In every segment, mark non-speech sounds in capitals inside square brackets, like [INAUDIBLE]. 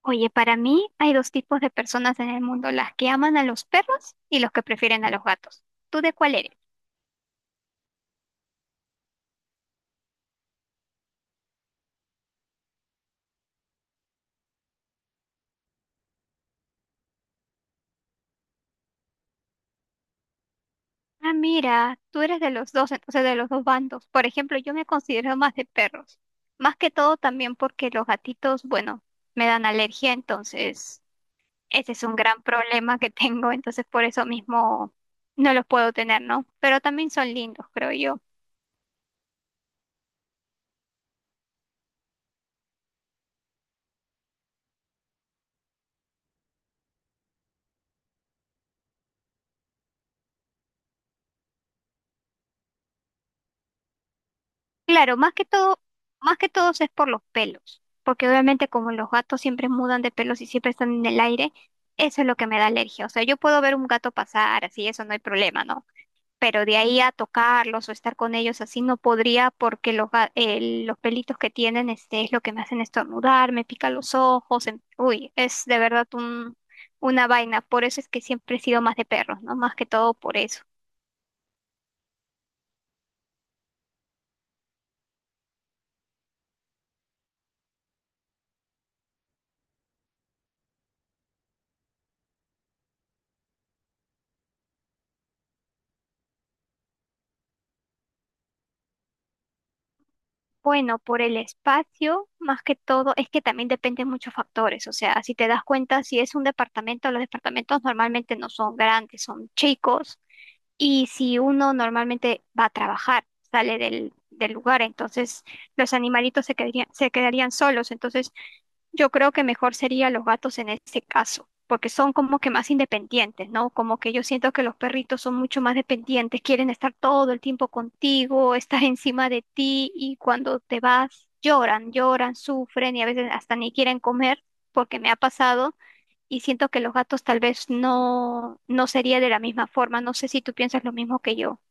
Oye, para mí hay dos tipos de personas en el mundo, las que aman a los perros y los que prefieren a los gatos. ¿Tú de cuál eres? Ah, mira, tú eres de los dos, entonces de los dos bandos. Por ejemplo, yo me considero más de perros. Más que todo también porque los gatitos, bueno, me dan alergia, entonces ese es un gran problema que tengo, entonces por eso mismo no los puedo tener, ¿no? Pero también son lindos, creo yo. Claro, más que todo es por los pelos, porque obviamente como los gatos siempre mudan de pelos y siempre están en el aire, eso es lo que me da alergia. O sea, yo puedo ver un gato pasar, así eso no hay problema, ¿no? Pero de ahí a tocarlos o estar con ellos así no podría porque los pelitos que tienen es lo que me hacen estornudar, me pica los ojos, uy, es de verdad un, una vaina. Por eso es que siempre he sido más de perros, ¿no? Más que todo por eso. Bueno, por el espacio, más que todo, es que también dependen muchos factores. O sea, si te das cuenta, si es un departamento, los departamentos normalmente no son grandes, son chicos. Y si uno normalmente va a trabajar, sale del lugar, entonces los animalitos se quedarían solos. Entonces, yo creo que mejor sería los gatos en este caso, porque son como que más independientes, ¿no? Como que yo siento que los perritos son mucho más dependientes, quieren estar todo el tiempo contigo, estar [LAUGHS] encima de ti y cuando te vas lloran, lloran, sufren y a veces hasta ni quieren comer, porque me ha pasado y siento que los gatos tal vez no sería de la misma forma. No sé si tú piensas lo mismo que yo.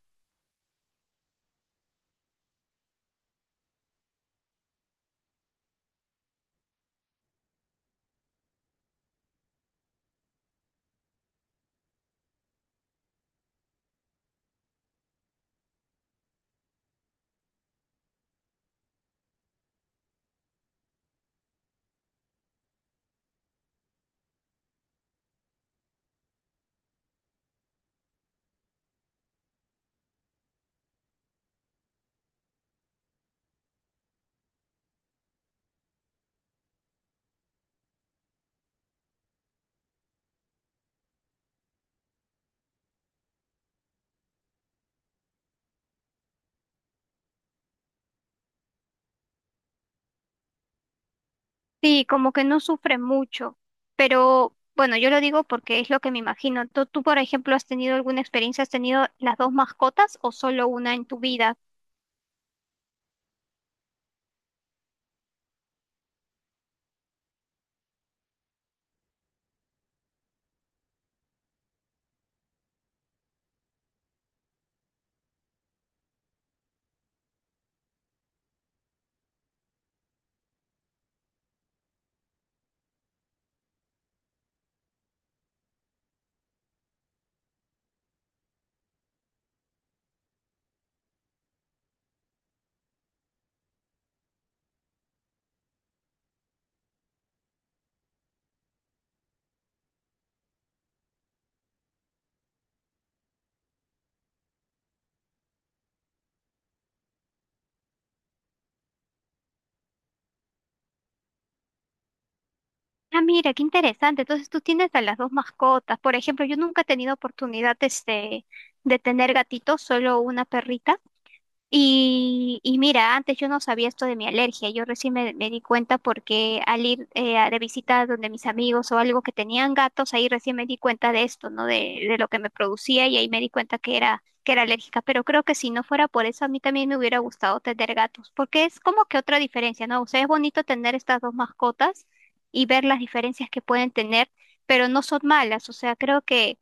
Sí, como que no sufre mucho, pero bueno, yo lo digo porque es lo que me imagino. ¿Tú, por ejemplo, has tenido alguna experiencia? ¿Has tenido las dos mascotas o solo una en tu vida? Ah, mira, qué interesante. Entonces tú tienes a las dos mascotas. Por ejemplo, yo nunca he tenido oportunidad de tener gatitos, solo una perrita. Y mira, antes yo no sabía esto de mi alergia, yo recién me di cuenta porque al ir de visita donde mis amigos o algo que tenían gatos, ahí recién me di cuenta de esto, ¿no? De lo que me producía y ahí me di cuenta que era alérgica, pero creo que si no fuera por eso, a mí también me hubiera gustado tener gatos, porque es como que otra diferencia, ¿no? O sea, es bonito tener estas dos mascotas y ver las diferencias que pueden tener, pero no son malas, o sea, creo que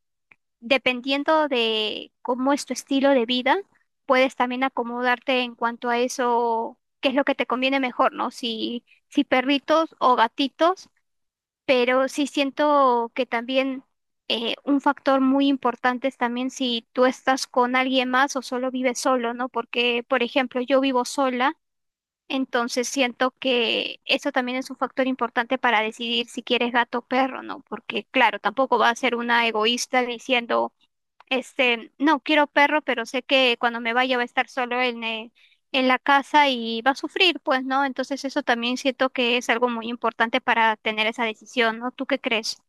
dependiendo de cómo es tu estilo de vida, puedes también acomodarte en cuanto a eso, qué es lo que te conviene mejor, ¿no? Si perritos o gatitos, pero sí siento que también un factor muy importante es también si tú estás con alguien más o solo vives solo, ¿no? Porque, por ejemplo, yo vivo sola. Entonces siento que eso también es un factor importante para decidir si quieres gato o perro, ¿no? Porque claro, tampoco va a ser una egoísta diciendo, este, no quiero perro, pero sé que cuando me vaya va a estar solo en la casa y va a sufrir, pues, ¿no? Entonces eso también siento que es algo muy importante para tener esa decisión, ¿no? ¿Tú qué crees?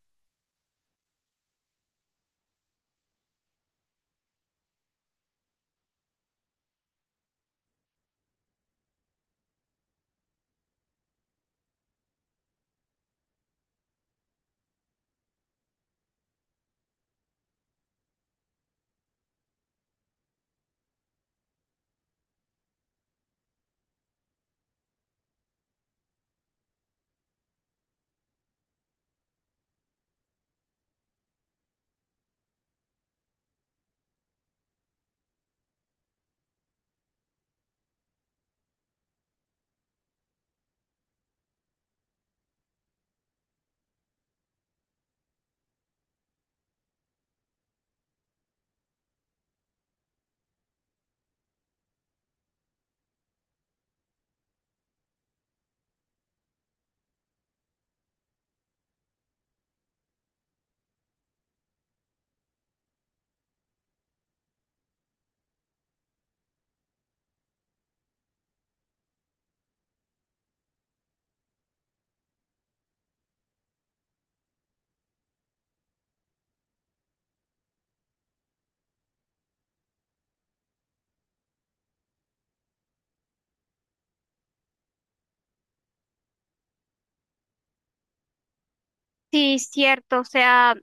Sí, cierto, o sea,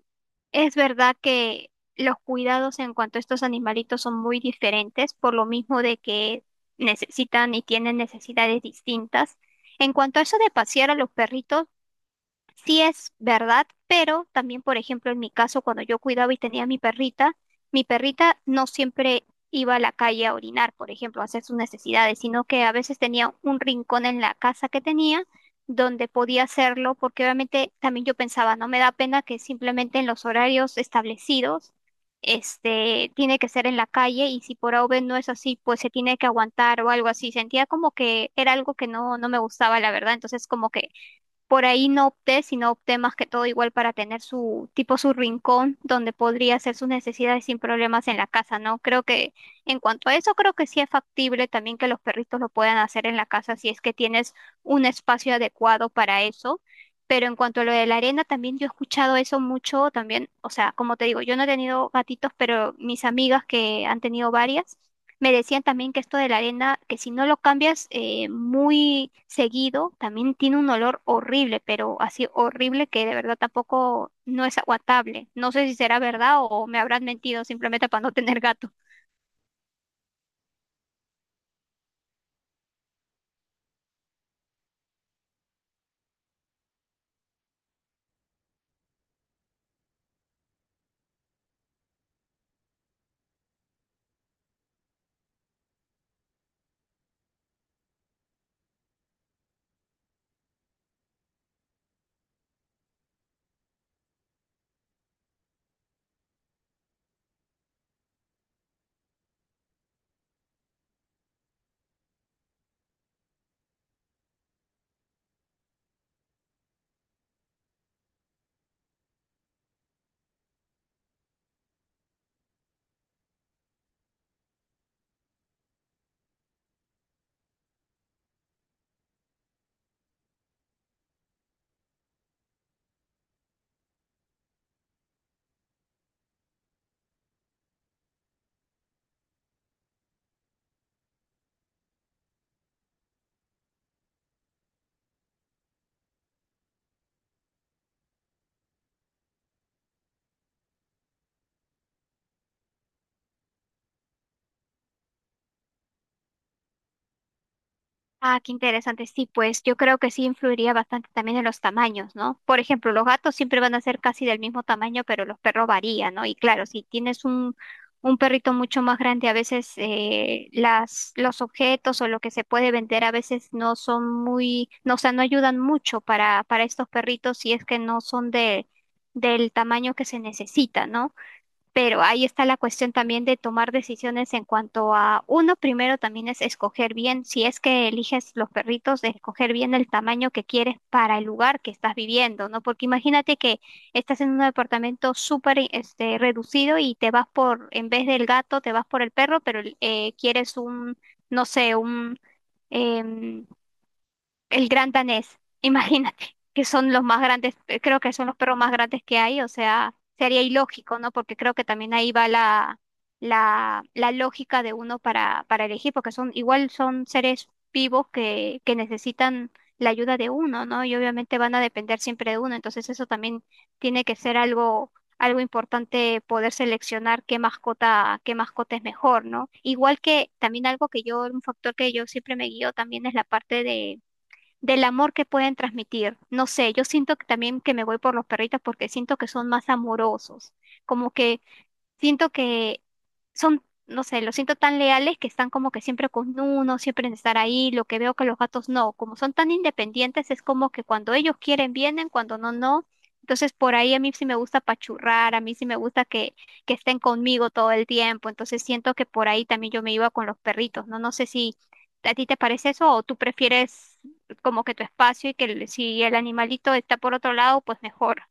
es verdad que los cuidados en cuanto a estos animalitos son muy diferentes, por lo mismo de que necesitan y tienen necesidades distintas. En cuanto a eso de pasear a los perritos, sí es verdad, pero también, por ejemplo, en mi caso, cuando yo cuidaba y tenía mi perrita no siempre iba a la calle a orinar, por ejemplo, a hacer sus necesidades, sino que a veces tenía un rincón en la casa que tenía donde podía hacerlo, porque obviamente también yo pensaba, no me da pena que simplemente en los horarios establecidos, este, tiene que ser en la calle y si por A o B no es así, pues se tiene que aguantar o algo así. Sentía como que era algo que no me gustaba, la verdad, entonces como que por ahí no opté, sino opté más que todo igual para tener su tipo su rincón donde podría hacer sus necesidades sin problemas en la casa, ¿no? Creo que en cuanto a eso, creo que sí es factible también que los perritos lo puedan hacer en la casa si es que tienes un espacio adecuado para eso. Pero en cuanto a lo de la arena, también yo he escuchado eso mucho también. O sea, como te digo, yo no he tenido gatitos, pero mis amigas que han tenido varias. Me decían también que esto de la arena, que si no lo cambias muy seguido, también tiene un olor horrible, pero así horrible que de verdad tampoco no es aguantable. No sé si será verdad o me habrán mentido simplemente para no tener gato. Ah, qué interesante. Sí, pues yo creo que sí influiría bastante también en los tamaños, ¿no? Por ejemplo, los gatos siempre van a ser casi del mismo tamaño, pero los perros varían, ¿no? Y claro, si tienes un perrito mucho más grande, a veces los objetos o lo que se puede vender a veces no son muy, no, o sea, no ayudan mucho para estos perritos si es que no son de, del tamaño que se necesita, ¿no? Pero ahí está la cuestión también de tomar decisiones en cuanto a uno, primero también es escoger bien, si es que eliges los perritos, de escoger bien el tamaño que quieres para el lugar que estás viviendo, ¿no? Porque imagínate que estás en un departamento súper este, reducido y te vas por, en vez del gato, te vas por el perro, pero quieres un, no sé, un... em, el gran danés, imagínate, que son los más grandes, creo que son los perros más grandes que hay, o sea, sería ilógico, ¿no? Porque creo que también ahí va la lógica de uno para elegir, porque son, igual son seres vivos que necesitan la ayuda de uno, ¿no? Y obviamente van a depender siempre de uno, entonces eso también tiene que ser algo, algo importante poder seleccionar qué mascota es mejor, ¿no? Igual que también algo que yo, un factor que yo siempre me guío también es la parte de del amor que pueden transmitir. No sé, yo siento que también que me voy por los perritos porque siento que son más amorosos, como que siento que son, no sé, los siento tan leales que están como que siempre con uno, siempre en estar ahí, lo que veo que los gatos no, como son tan independientes, es como que cuando ellos quieren vienen, cuando no, no. Entonces por ahí a mí sí me gusta pachurrar, a mí sí me gusta que estén conmigo todo el tiempo, entonces siento que por ahí también yo me iba con los perritos, ¿no? No sé si a ti te parece eso o tú prefieres como que tu espacio y que el- si el animalito está por otro lado, pues mejor.